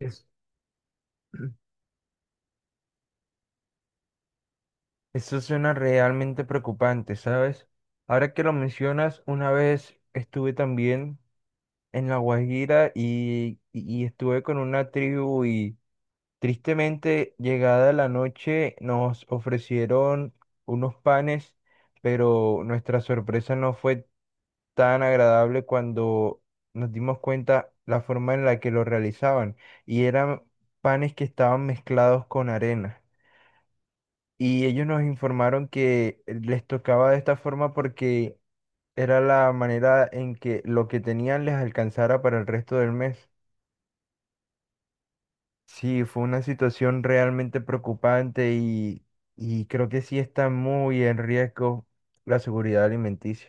Es- Eso suena realmente preocupante, ¿sabes? Ahora que lo mencionas, una vez estuve también en La Guajira y estuve con una tribu y tristemente llegada la noche nos ofrecieron unos panes, pero nuestra sorpresa no fue tan agradable cuando nos dimos cuenta la forma en la que lo realizaban y eran panes que estaban mezclados con arena. Y ellos nos informaron que les tocaba de esta forma porque era la manera en que lo que tenían les alcanzara para el resto del mes. Sí, fue una situación realmente preocupante y creo que sí está muy en riesgo la seguridad alimenticia.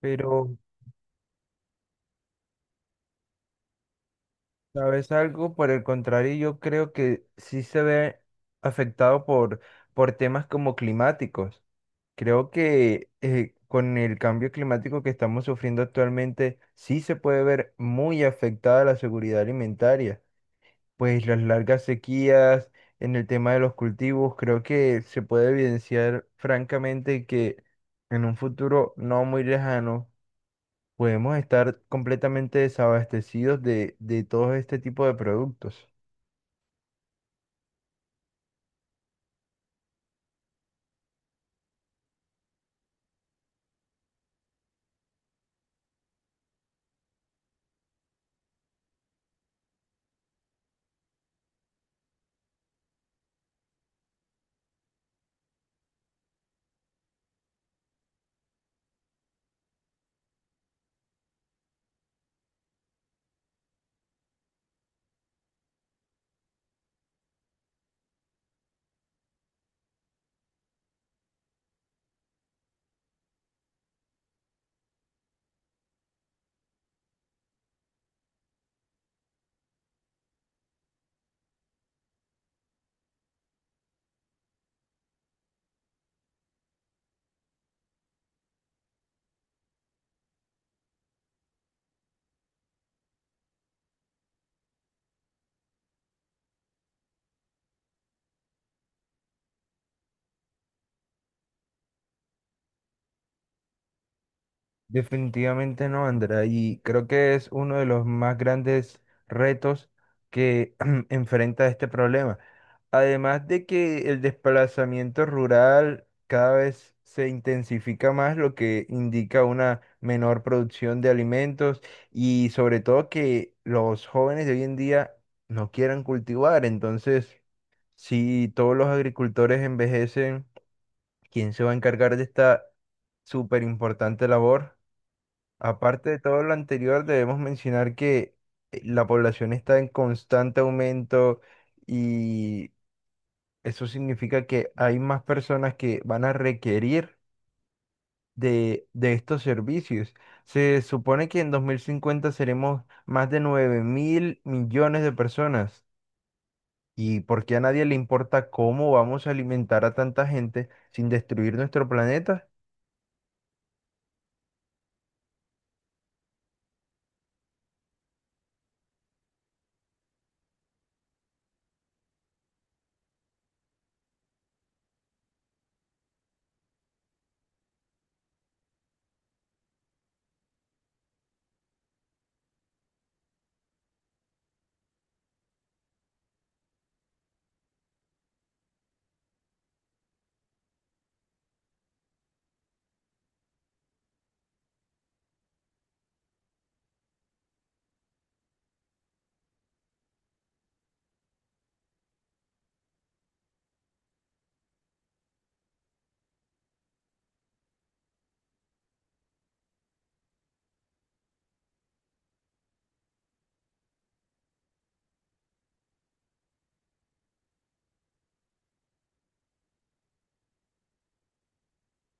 Pero, ¿sabes algo? Por el contrario, yo creo que sí se ve afectado por temas como climáticos. Creo que con el cambio climático que estamos sufriendo actualmente, sí se puede ver muy afectada la seguridad alimentaria, pues las largas sequías en el tema de los cultivos, creo que se puede evidenciar francamente que en un futuro no muy lejano podemos estar completamente desabastecidos de todo este tipo de productos. Definitivamente no, Andrea, y creo que es uno de los más grandes retos que enfrenta este problema. Además de que el desplazamiento rural cada vez se intensifica más, lo que indica una menor producción de alimentos y sobre todo que los jóvenes de hoy en día no quieran cultivar. Entonces, si todos los agricultores envejecen, ¿quién se va a encargar de esta súper importante labor? Aparte de todo lo anterior, debemos mencionar que la población está en constante aumento y eso significa que hay más personas que van a requerir de estos servicios. Se supone que en 2050 seremos más de 9.000 millones de personas. ¿Y por qué a nadie le importa cómo vamos a alimentar a tanta gente sin destruir nuestro planeta?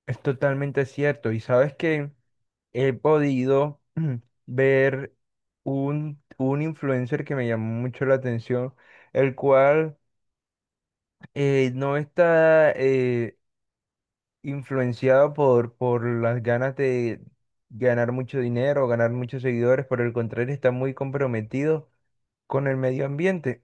Es totalmente cierto. ¿Y sabes qué? He podido ver un influencer que me llamó mucho la atención, el cual no está influenciado por las ganas de ganar mucho dinero, ganar muchos seguidores. Por el contrario, está muy comprometido con el medio ambiente.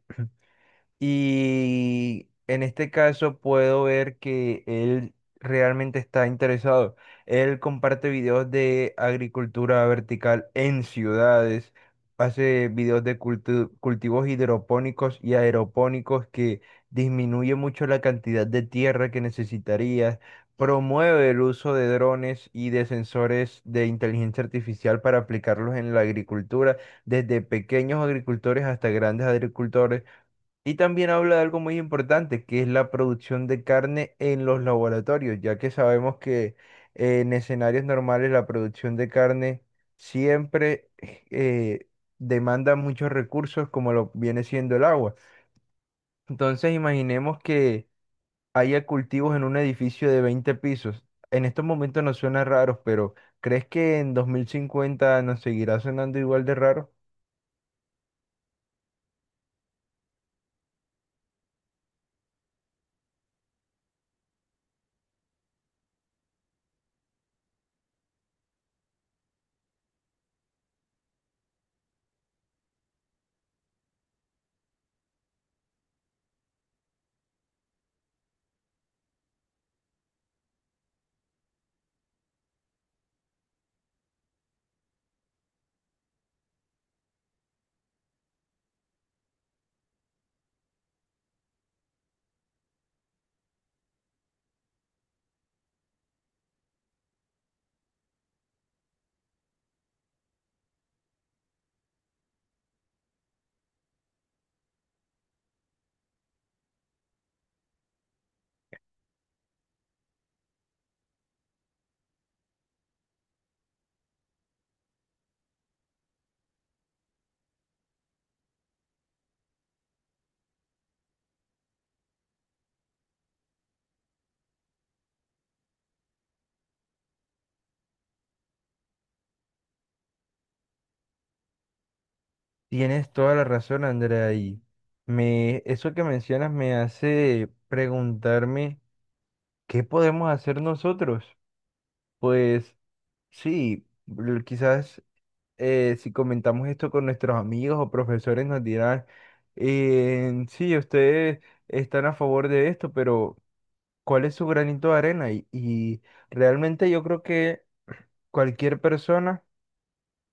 Y en este caso puedo ver que él realmente está interesado. Él comparte videos de agricultura vertical en ciudades, hace videos de cultivos hidropónicos y aeropónicos que disminuye mucho la cantidad de tierra que necesitarías. Promueve el uso de drones y de sensores de inteligencia artificial para aplicarlos en la agricultura, desde pequeños agricultores hasta grandes agricultores, y también habla de algo muy importante, que es la producción de carne en los laboratorios, ya que sabemos que en escenarios normales la producción de carne siempre demanda muchos recursos, como lo viene siendo el agua. Entonces, imaginemos que haya cultivos en un edificio de 20 pisos. En estos momentos nos suena raros, pero ¿crees que en 2050 nos seguirá sonando igual de raro? Tienes toda la razón, Andrea, y me, eso que mencionas me hace preguntarme qué podemos hacer nosotros. Pues sí, quizás si comentamos esto con nuestros amigos o profesores nos dirán, sí, ustedes están a favor de esto, pero ¿cuál es su granito de arena? Y realmente yo creo que cualquier persona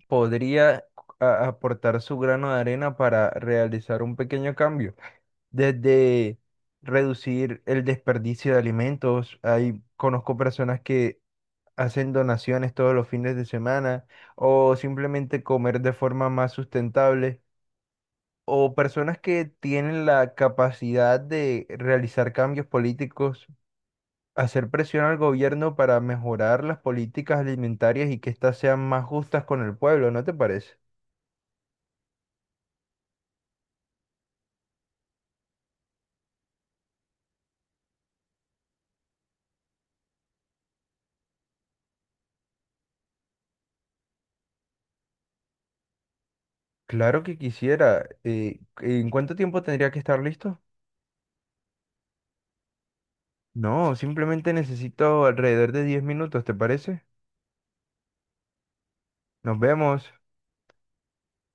podría aportar su grano de arena para realizar un pequeño cambio. Desde reducir el desperdicio de alimentos, hay, conozco personas que hacen donaciones todos los fines de semana o simplemente comer de forma más sustentable. O personas que tienen la capacidad de realizar cambios políticos, hacer presión al gobierno para mejorar las políticas alimentarias y que éstas sean más justas con el pueblo, ¿no te parece? Claro que quisiera. ¿En cuánto tiempo tendría que estar listo? No, simplemente necesito alrededor de 10 minutos, ¿te parece? Nos vemos.